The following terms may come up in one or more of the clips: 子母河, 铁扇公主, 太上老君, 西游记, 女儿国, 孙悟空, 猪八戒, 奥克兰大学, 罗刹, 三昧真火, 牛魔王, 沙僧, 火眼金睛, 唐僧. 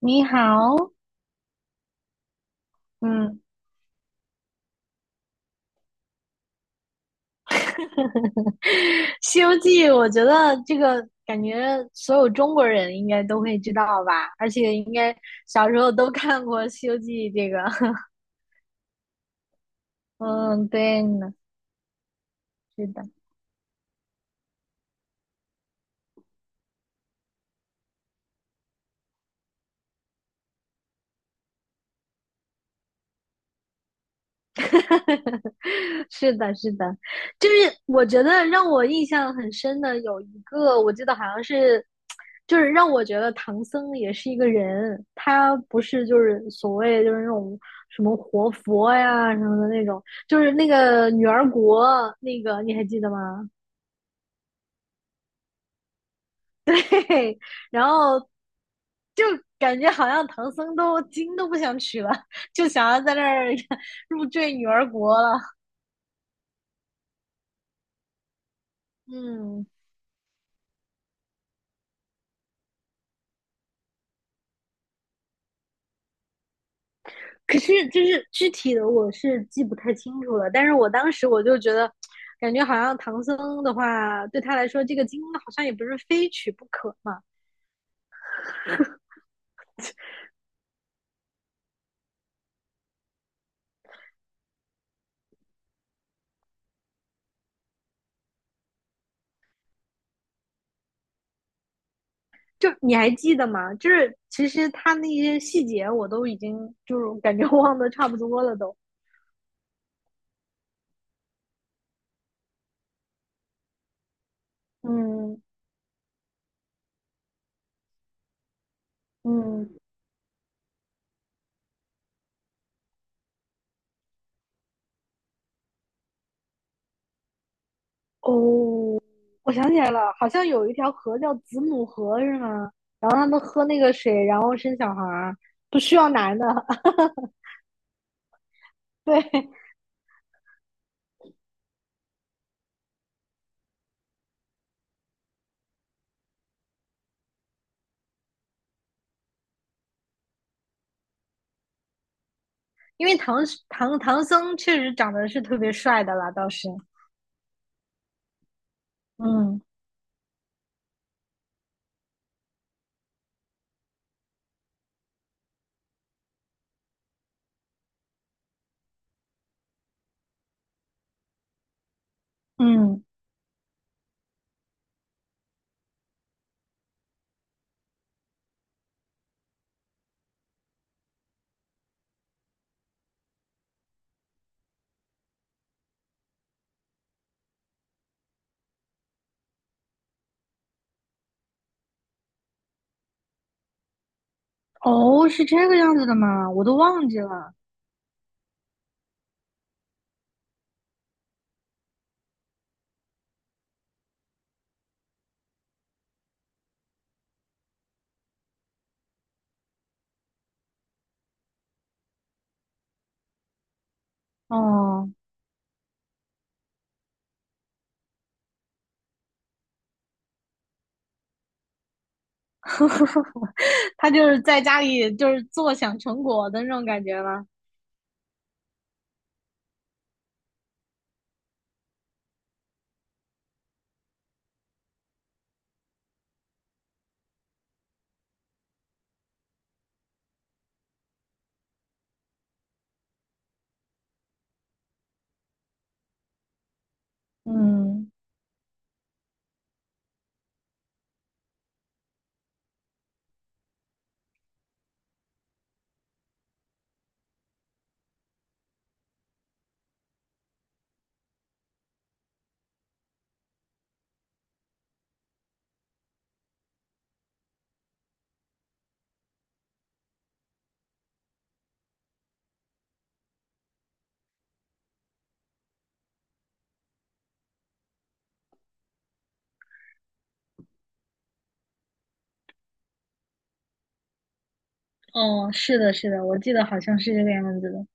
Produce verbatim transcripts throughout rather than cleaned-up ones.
你好，嗯，《西游记》，我觉得这个感觉所有中国人应该都会知道吧，而且应该小时候都看过《西游记》这个。嗯，对呢，是的。是的，是的，就是我觉得让我印象很深的有一个，我记得好像是，就是让我觉得唐僧也是一个人，他不是就是所谓就是那种什么活佛呀什么的那种，就是那个女儿国那个你还记得吗？嘿嘿，然后就感觉好像唐僧都经都不想取了，就想要在那儿 入赘女儿国了。嗯，可是就是具体的我是记不太清楚了，但是我当时我就觉得，感觉好像唐僧的话，对他来说这个经好像也不是非取不可嘛。就你还记得吗？就是其实他那些细节我都已经就是感觉忘的差不多了都。嗯嗯哦，我想起来了，好像有一条河叫子母河是吗？然后他们喝那个水，然后生小孩儿，不需要男的。对，因为唐唐唐僧确实长得是特别帅的啦，倒是，嗯嗯，哦，是这个样子的吗？我都忘记了。哦，他就是在家里就是坐享成果的那种感觉吗？嗯，哦，是的，是的，我记得好像是这个样子的。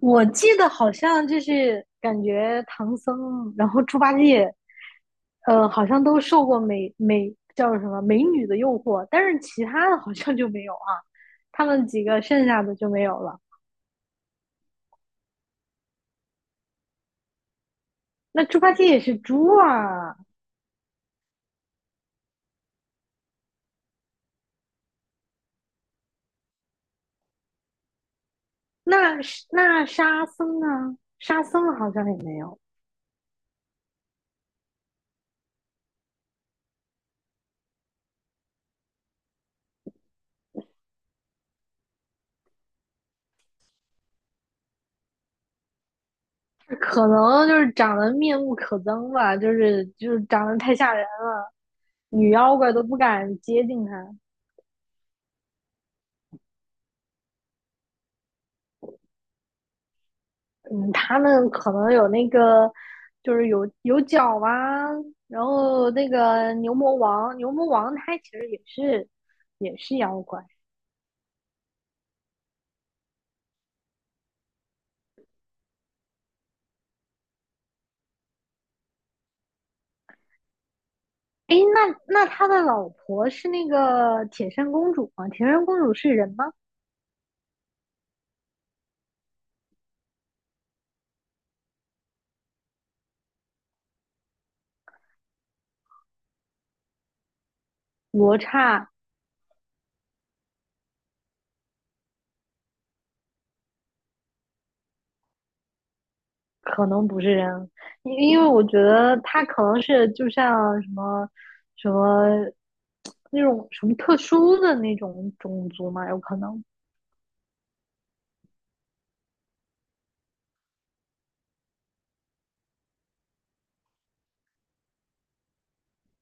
我记得好像就是感觉唐僧，然后猪八戒，呃，好像都受过美美叫什么美女的诱惑，但是其他的好像就没有啊，他们几个剩下的就没有了。那猪八戒也是猪啊，那是那沙僧呢？沙僧好像也没有，可能就是长得面目可憎吧，就是就是长得太吓人了，女妖怪都不敢接近他。嗯，他们可能有那个，就是有有角啊，然后那个牛魔王，牛魔王他其实也是也是妖怪。诶，那那他的老婆是那个铁扇公主吗？铁扇公主是人吗？罗刹可能不是人，因因为我觉得他可能是就像什么什么那种什么特殊的那种种族嘛，有可能。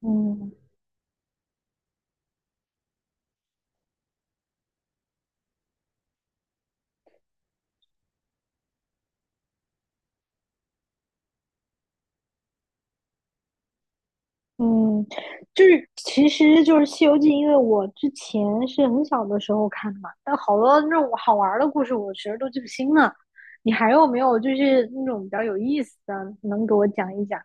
嗯嗯，就是其实就是《西游记》，因为我之前是很小的时候看的嘛，但好多那种好玩儿的故事，我其实都记不清了。你还有没有就是那种比较有意思的，能给我讲一讲？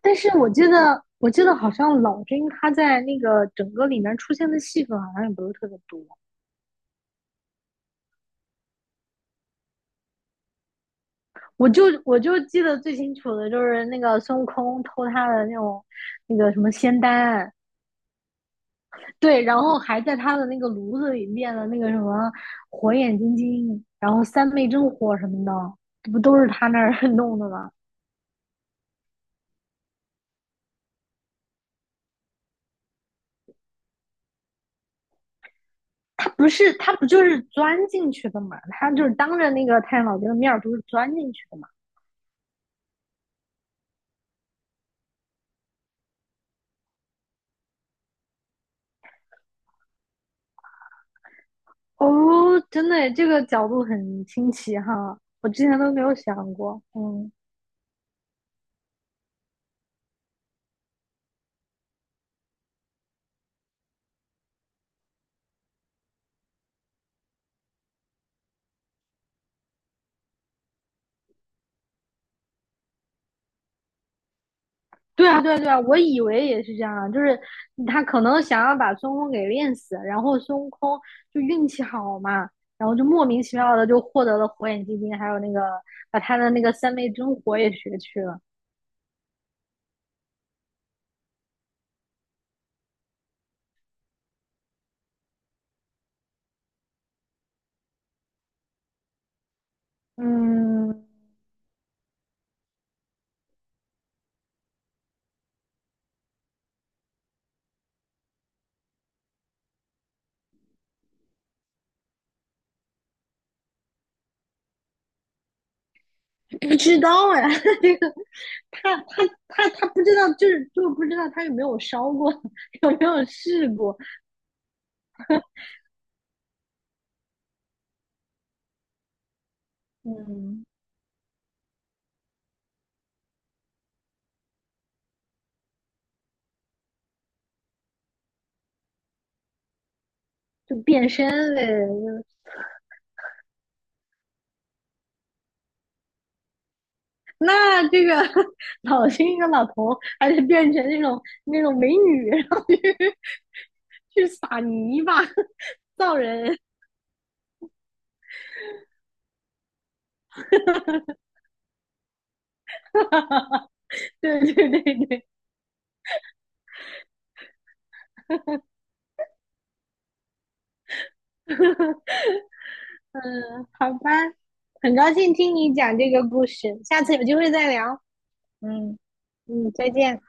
但是我记得，我记得好像老君他在那个整个里面出现的戏份好像也不是特别多。我就我就记得最清楚的就是那个孙悟空偷他的那种那个什么仙丹，对，然后还在他的那个炉子里练了那个什么火眼金睛，然后三昧真火什么的，这不都是他那儿 弄的吗？他不是，他不就是钻进去的嘛？他就是当着那个太上老君的面儿，不是钻进去的嘛？哦，真的耶这个角度很新奇哈，我之前都没有想过。嗯，对啊，对啊，对啊，我以为也是这样啊，就是他可能想要把孙悟空给练死，然后孙悟空就运气好嘛，然后就莫名其妙的就获得了火眼金睛，还有那个把他的那个三昧真火也学去了。嗯，不知道哎，这个他他他他不知道，就是就不知道他有没有烧过，有没有试过，嗯，就变身呗，那这个 老一个老头还得变成那种那种美女，然后去去撒泥巴造人。对对对对，嗯，好吧，很高兴听你讲这个故事，下次有机会再聊。嗯。嗯，再见。